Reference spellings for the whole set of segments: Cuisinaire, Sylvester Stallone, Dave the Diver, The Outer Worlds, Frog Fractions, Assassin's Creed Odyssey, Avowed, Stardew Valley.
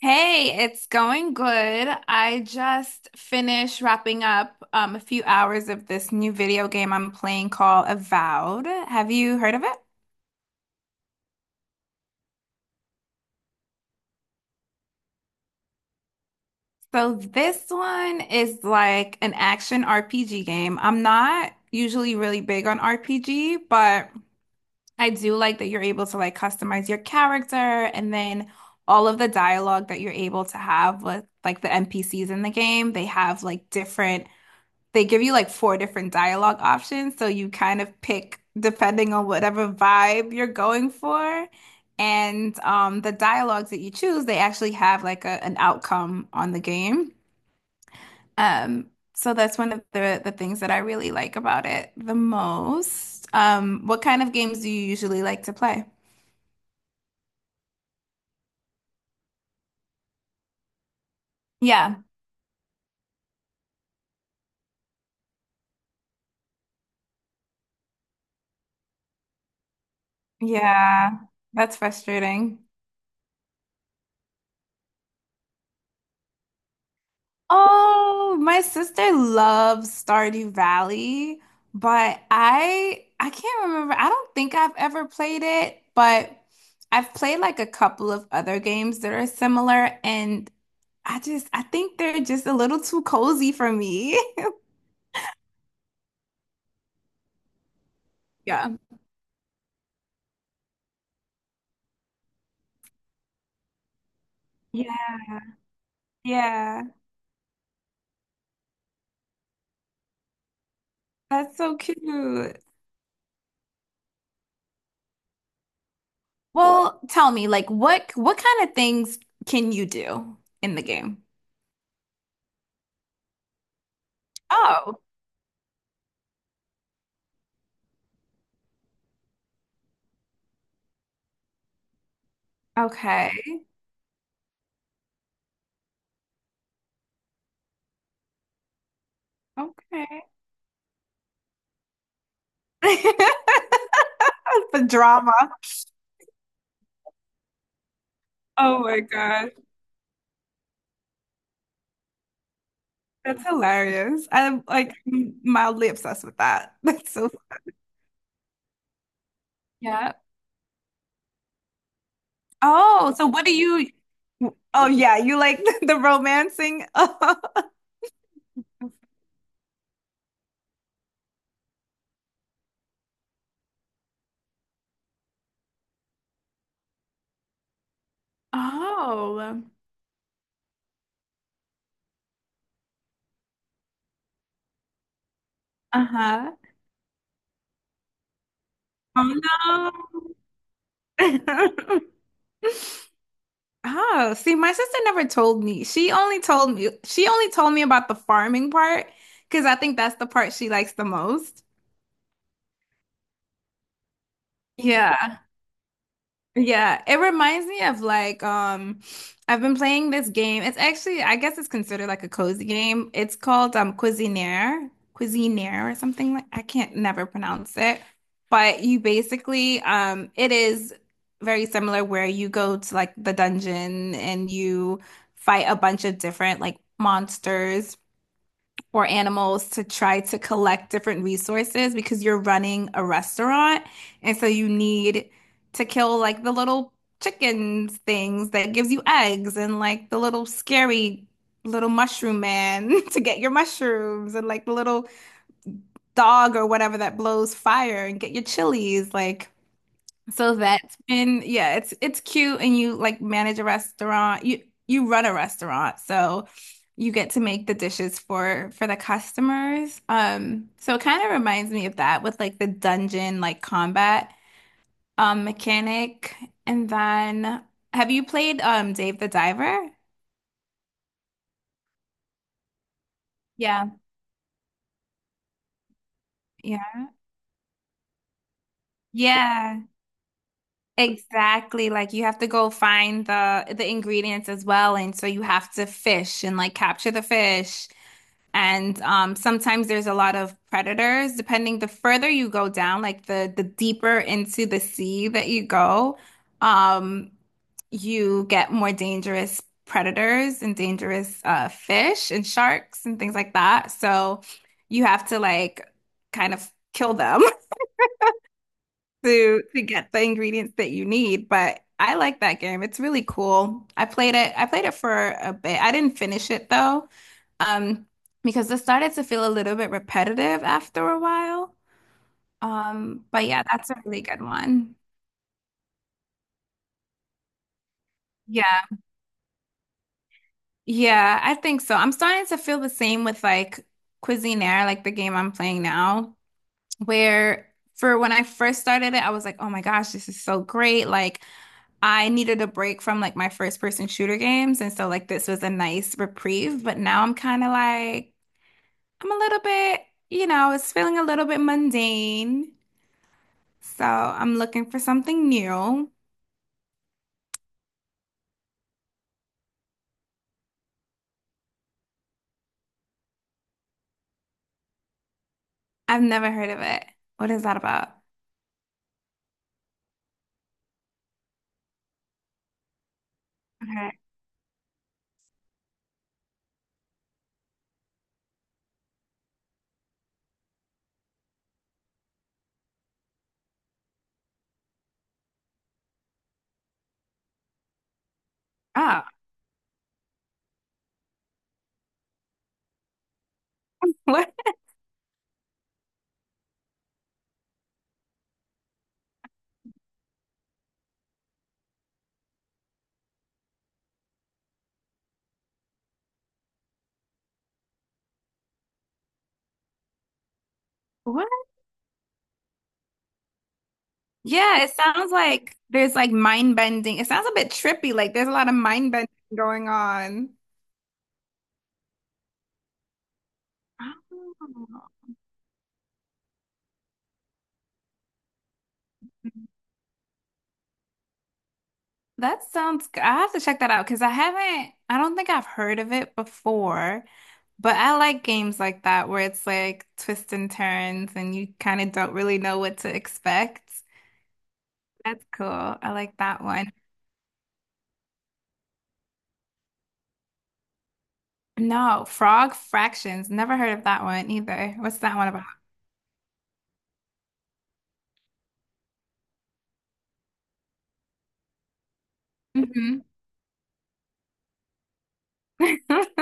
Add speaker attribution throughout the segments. Speaker 1: Hey, it's going good. I just finished wrapping up a few hours of this new video game I'm playing called Avowed. Have you heard of it? So this one is like an action RPG game. I'm not usually really big on RPG, but I do like that you're able to like customize your character, and then all of the dialogue that you're able to have with like the NPCs in the game, they have like different they give you like four different dialogue options, so you kind of pick depending on whatever vibe you're going for. And the dialogues that you choose, they actually have like an outcome on the game. So that's one of the things that I really like about it the most. What kind of games do you usually like to play? Yeah. Yeah. That's frustrating. Oh, my sister loves Stardew Valley, but I can't remember. I don't think I've ever played it, but I've played like a couple of other games that are similar, and I just I think they're just a little too cozy for me. Yeah. Yeah, yeah. That's so cute. Well, tell me, like what kind of things can you do in the game? Oh, okay. Okay. The drama. Oh my God. That's hilarious. I'm like mildly obsessed with that. That's so. Yeah. Oh, so what do you. Oh yeah, you like the romancing. Oh. Uh-huh. Oh no. Oh, see, my sister never told me. She only told me about the farming part, because I think that's the part she likes the most. Yeah. Yeah, it reminds me of like I've been playing this game. It's actually I guess it's considered like a cozy game. It's called Cuisinaire, Cuisinaire or something, like I can't never pronounce it. But you basically it is very similar, where you go to like the dungeon and you fight a bunch of different like monsters for animals to try to collect different resources because you're running a restaurant. And so you need to kill like the little chickens things that gives you eggs, and like the little scary little mushroom man to get your mushrooms, and like the little dog or whatever that blows fire and get your chilies. Like so that's been yeah, it's cute and you like manage a restaurant. You run a restaurant, so you get to make the dishes for the customers. So it kind of reminds me of that with like the dungeon like combat mechanic. And then have you played Dave the Diver? Yeah. Yeah. Yeah. Exactly. Like you have to go find the ingredients as well, and so you have to fish and like capture the fish. And sometimes there's a lot of predators. Depending the further you go down, like the deeper into the sea that you go, um, you get more dangerous predators and dangerous fish and sharks and things like that. So you have to like kind of kill them to get the ingredients that you need. But I like that game. It's really cool. I played it for a bit. I didn't finish it though. Um, because it started to feel a little bit repetitive after a while. But yeah, that's a really good one. Yeah. Yeah, I think so. I'm starting to feel the same with like Cuisinaire, like the game I'm playing now, where for when I first started it, I was like, oh my gosh, this is so great. Like I needed a break from like my first person shooter games, and so like this was a nice reprieve, but now I'm kind of like I'm a little bit, you know, it's feeling a little bit mundane. So I'm looking for something new. I've never heard of it. What is that about? Okay. Oh, what? What? Yeah, it sounds like there's like mind bending. It sounds a bit trippy. Like there's a lot of mind bending going on. Oh. That sounds good. I have to check that out because I haven't, I don't think I've heard of it before, but I like games like that where it's like twists and turns and you kind of don't really know what to expect. That's cool. I like that one. No, frog fractions. Never heard of that one either. What's that one about? Hmm.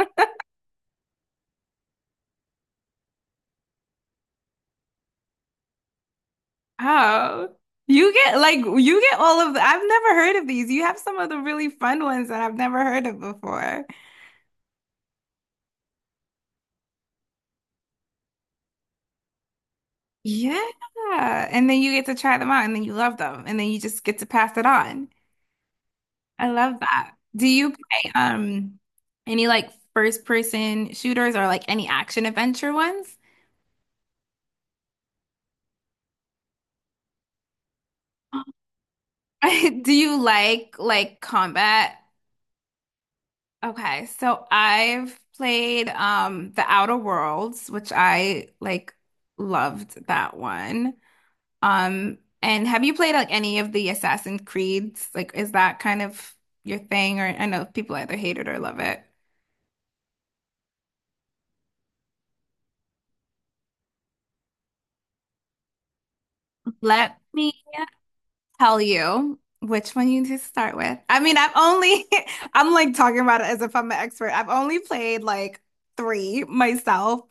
Speaker 1: Oh, you get like you get all of the, I've never heard of these. You have some of the really fun ones that I've never heard of before. Yeah. And then you get to try them out, and then you love them, and then you just get to pass it on. I love that. Do you play any like first person shooters or like any action adventure ones? Do you like combat? Okay, so I've played The Outer Worlds, which I like loved that one. And have you played like any of the Assassin's Creeds? Like, is that kind of your thing? Or I know people either hate it or love it. Let me tell you which one you need to start with. I mean, I've only, I'm like talking about it as if I'm an expert. I've only played like three myself,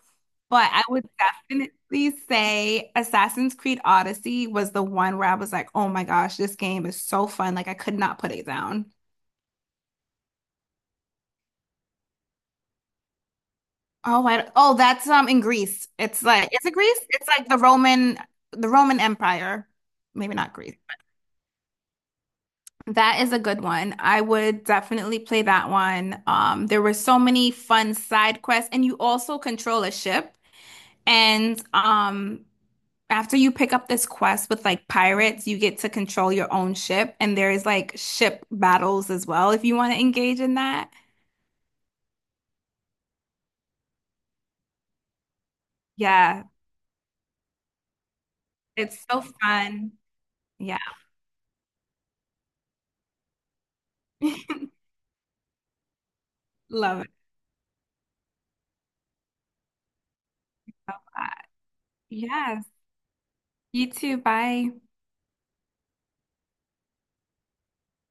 Speaker 1: but I would definitely say Assassin's Creed Odyssey was the one where I was like, oh my gosh, this game is so fun. Like, I could not put it down. Oh, that's in Greece. It's like, is it Greece? It's like the Roman Empire. Maybe not Greece. That is a good one. I would definitely play that one. There were so many fun side quests, and you also control a ship. And after you pick up this quest with like pirates, you get to control your own ship, and there's like ship battles as well if you want to engage in that. Yeah, it's so fun. Yeah, love it a lot. Yes, you too. Bye.